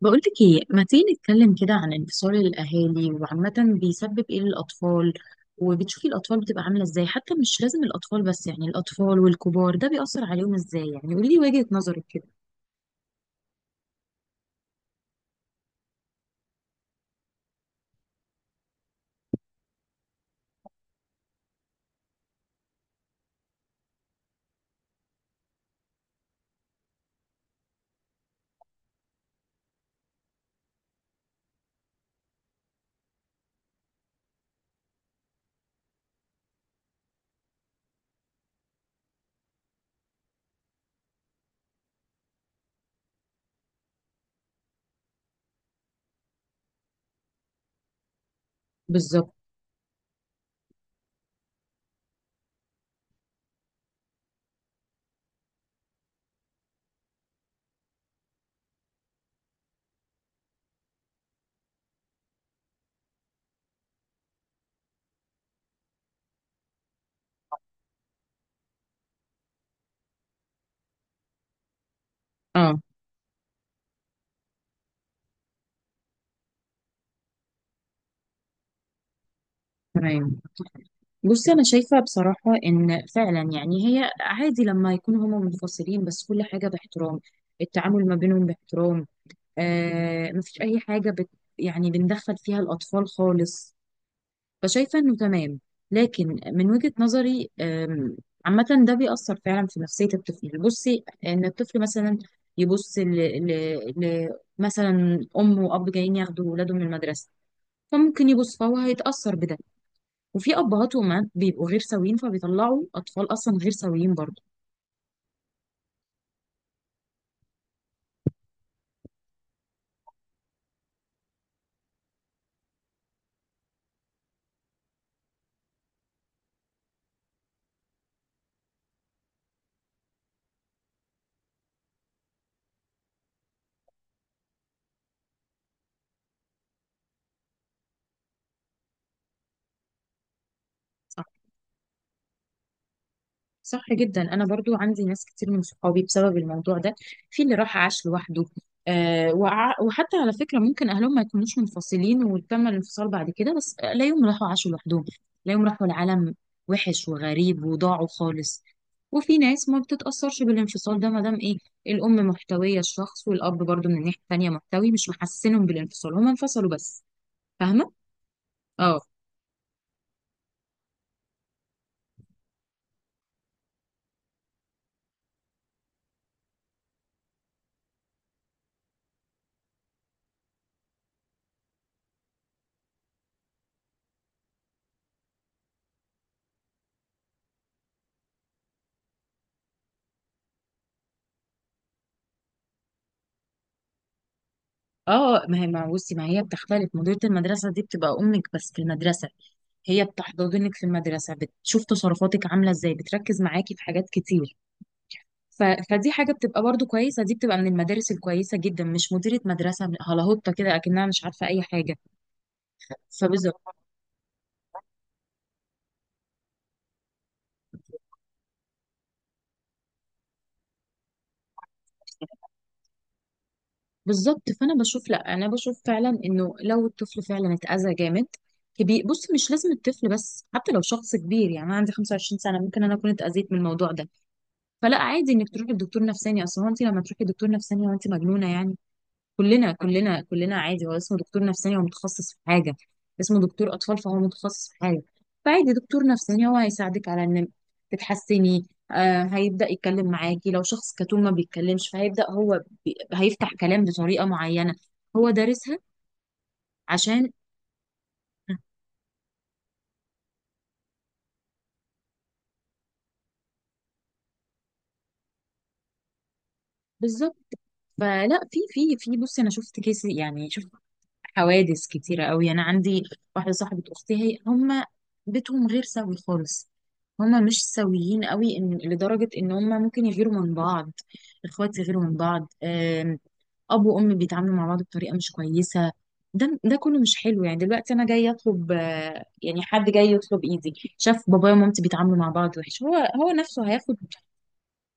بقولك ايه، ما تيجي نتكلم كده عن انفصال الاهالي؟ وعامة بيسبب ايه للاطفال؟ وبتشوفي الاطفال بتبقى عاملة ازاي؟ حتى مش لازم الاطفال بس، يعني الاطفال والكبار ده بيأثر عليهم ازاي، يعني قولي لي وجهة نظرك كده. بالظبط. اه. تمام. بصي، انا شايفة بصراحة ان فعلا يعني هي عادي لما يكونوا هما منفصلين، بس كل حاجة باحترام. التعامل ما بينهم باحترام، آه، مفيش اي حاجة بت، يعني بندخل فيها الاطفال خالص، فشايفة انه تمام. لكن من وجهة نظري عامة ده بيأثر فعلا في نفسية الطفل. بصي، ان الطفل مثلا يبص ل... ل... مثلا ام واب جايين ياخدوا ولاده من المدرسة، فممكن يبص فهو هيتأثر بده. وفي ابهات وامهات بيبقوا غير سويين، فبيطلعوا اطفال اصلا غير سويين برضه. صح جدا، انا برضو عندي ناس كتير من صحابي بسبب الموضوع ده. في اللي راح عاش لوحده، آه، وحتى على فكره ممكن اهلهم ما يكونوش منفصلين وتم الانفصال بعد كده، بس لا، يوم راحوا عاشوا لوحدهم، لا، يوم راحوا العالم وحش وغريب وضاعوا خالص. وفي ناس ما بتتاثرش بالانفصال ده، ما دام ايه، الام محتويه الشخص والاب برضو من الناحيه التانيه محتوي، مش محسنهم بالانفصال، هما انفصلوا بس. فاهمه. اه. ما هي بتختلف، مديرة المدرسة دي بتبقى أمك بس في المدرسة. هي بتحضنك في المدرسة، بتشوف تصرفاتك عاملة ازاي، بتركز معاكي في حاجات كتير. ف... فدي حاجة بتبقى برضو كويسة، دي بتبقى من المدارس الكويسة جدا، مش مديرة مدرسة هلاهوطة كده أكنها مش عارفة أي حاجة. فبالظبط. فأنا بشوف، لأ، أنا بشوف فعلا إنه لو الطفل فعلا اتأذى جامد، كبير، بص، مش لازم الطفل بس، حتى لو شخص كبير. يعني أنا عندي 25 سنة ممكن أنا أكون اتأذيت من الموضوع ده، فلا، عادي إنك تروحي لدكتور نفساني. أصل هو أنت لما تروحي لدكتور نفساني، هو أنت مجنونة يعني؟ كلنا، كلنا، كلنا عادي. هو اسمه دكتور نفساني، هو متخصص في حاجة، اسمه دكتور أطفال، فهو متخصص في حاجة. فعادي، دكتور نفساني هو هيساعدك على إن تتحسني. آه، هيبدأ يتكلم معاكي لو شخص كتوم ما بيتكلمش، فهيبدأ هو هيفتح كلام بطريقة معينة، هو دارسها عشان. آه، بالظبط. فلا، في بصي، أنا شفت كيس، يعني شفت حوادث كتيرة قوي. أنا عندي واحدة صاحبة أختي، هما بيتهم غير سوي خالص، هما مش سويين قوي، إن لدرجة إن هما ممكن يغيروا من بعض، الإخوات يغيروا من بعض. أب وأم بيتعاملوا مع بعض بطريقة مش كويسة، ده كله مش حلو. يعني دلوقتي أنا جاي أطلب، يعني حد جاي يطلب إيدي، شاف بابايا ومامتي بيتعاملوا مع بعض وحش، هو نفسه هياخد.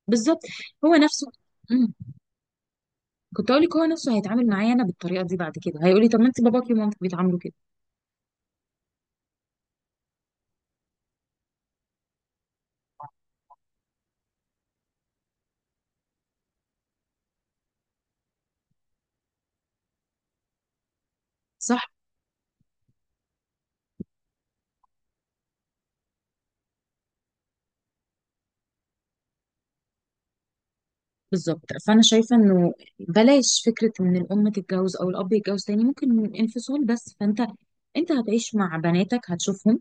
بالظبط. هو نفسه. مم. كنت أقول لك، هو نفسه هيتعامل معايا أنا بالطريقة دي. بعد كده هيقول لي طب ما أنت باباكي ومامتك بيتعاملوا كده. صح. بالظبط. فانا شايفه انه بلاش فكره ان الام تتجوز او الاب يتجوز تاني، ممكن انفصال بس، فانت انت هتعيش مع بناتك هتشوفهم،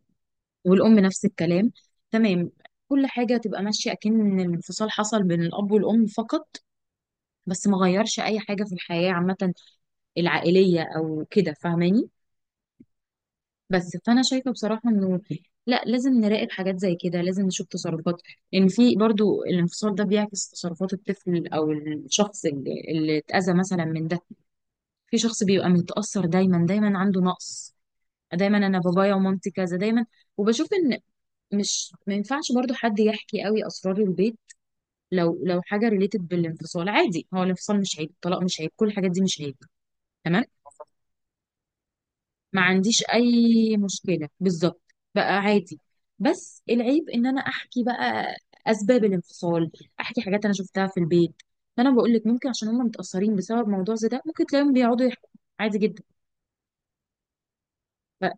والام نفس الكلام. تمام. كل حاجه تبقى ماشيه اكن الانفصال حصل بين الاب والام فقط، بس ما غيرش اي حاجه في الحياه عامه العائليه او كده. فاهماني؟ بس فانا شايفه بصراحه انه لا، لازم نراقب حاجات زي كده، لازم نشوف تصرفات، ان في برضو الانفصال ده بيعكس تصرفات الطفل او الشخص اللي اتأذى مثلا من. في شخص بيبقى متأثر دايما، دايما عنده نقص، دايما انا بابايا ومامتي كذا دايما. وبشوف ان مش، ما ينفعش برضو حد يحكي قوي اسرار البيت. لو حاجه ريليتد بالانفصال، عادي، هو الانفصال مش عيب، الطلاق مش عيب، كل الحاجات دي مش عيب. تمام. ما عنديش اي مشكله، بالظبط، بقى عادي. بس العيب ان انا احكي بقى اسباب الانفصال، احكي حاجات انا شفتها في البيت. فانا بقول لك ممكن عشان هم متاثرين بسبب موضوع زي ده، ممكن تلاقيهم بيقعدوا يحكوا عادي جدا. لا.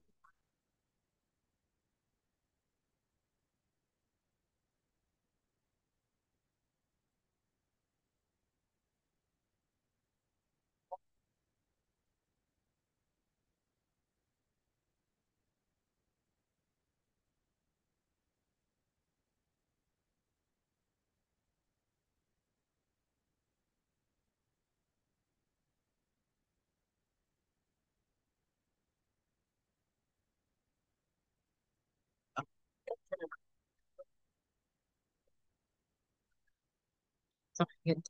صح كده.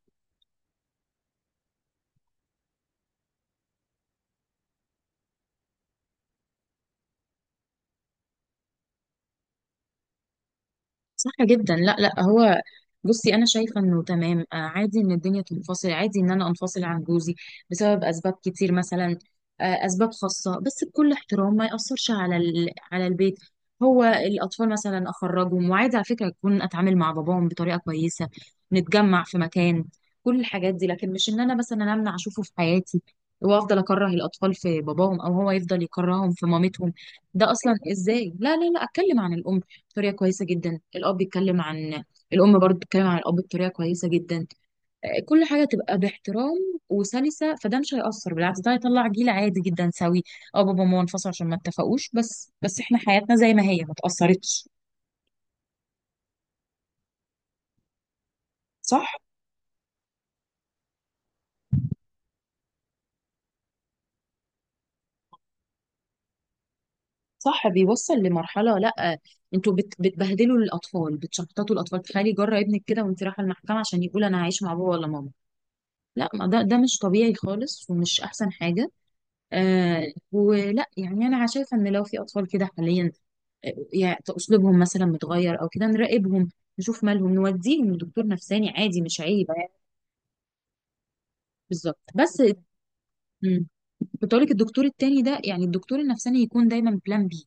صح جدا. لا لا، هو بصي انا شايفه انه تمام. عادي ان الدنيا تنفصل، عادي ان انا انفصل عن جوزي بسبب اسباب كتير، مثلا اسباب خاصه، بس بكل احترام، ما ياثرش على على البيت. هو الاطفال مثلا اخرجهم، وعادي على فكره اكون اتعامل مع باباهم بطريقه كويسه، نتجمع في مكان، كل الحاجات دي. لكن مش ان انا مثلا امنع اشوفه في حياتي، وافضل اكره الاطفال في باباهم، او هو يفضل يكرههم في مامتهم. ده اصلا ازاي؟ لا لا لا، اتكلم عن الام بطريقه كويسه جدا، الاب بيتكلم عن الام، برضو بتتكلم عن الاب بطريقه كويسه جدا، كل حاجه تبقى باحترام وسلسه. فده مش هيأثر، بالعكس، ده هيطلع جيل عادي جدا سوي. اه، بابا وماما انفصلوا عشان ما اتفقوش، بس بس احنا حياتنا زي ما هي، ما اتأثرتش. صح. صح، بيوصل لمرحله، لا، انتوا بت بتبهدلوا الاطفال، بتشحططوا الاطفال. تخيلي جرى ابنك كده وانت رايحه المحكمه عشان يقول انا هعيش مع بابا ولا ماما! لا، ما ده مش طبيعي خالص ومش احسن حاجه. آه، ولا يعني انا شايفه ان لو في اطفال كده حاليا، يعني اسلوبهم مثلا متغير او كده، نراقبهم، نشوف مالهم، نوديهم لدكتور نفساني، عادي، مش عيب يعني. بالظبط بس. مم. كنت اقول لك الدكتور التاني ده، يعني الدكتور النفساني، يكون دايما بلان بي،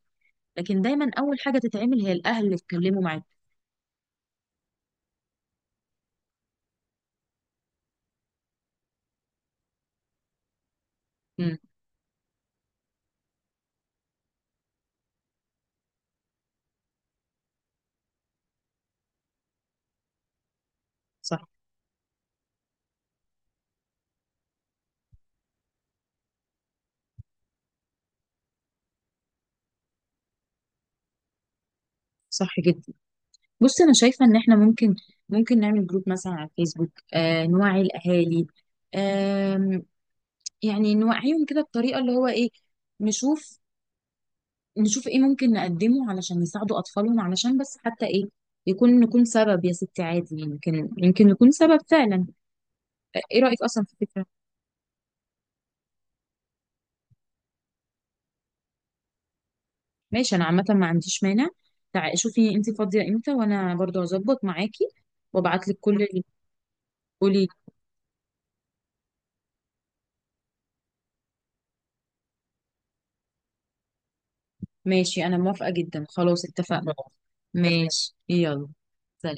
لكن دايما اول حاجه تتعمل هي الاهل اللي يتكلموا معاك. مم. صح. صح جدا. بص انا شايفه ان احنا ممكن نعمل جروب مثلا على الفيسبوك، آه، نوعي الاهالي. آم، يعني نوعيهم كده بطريقه اللي هو ايه، نشوف نشوف ايه ممكن نقدمه علشان يساعدوا اطفالهم، علشان بس حتى ايه، يكون نكون سبب يا ستي، عادي، يمكن نكون سبب فعلا. ايه رأيك اصلا في الفكرة؟ ماشي، انا عامة ما عنديش مانع. تعالي شوفي انت فاضية امتى وانا برضو هظبط معاكي، وابعت لك كل اللي، قولي. ماشي، انا موافقة جدا، خلاص اتفقنا. ماشي، يلا. سلام.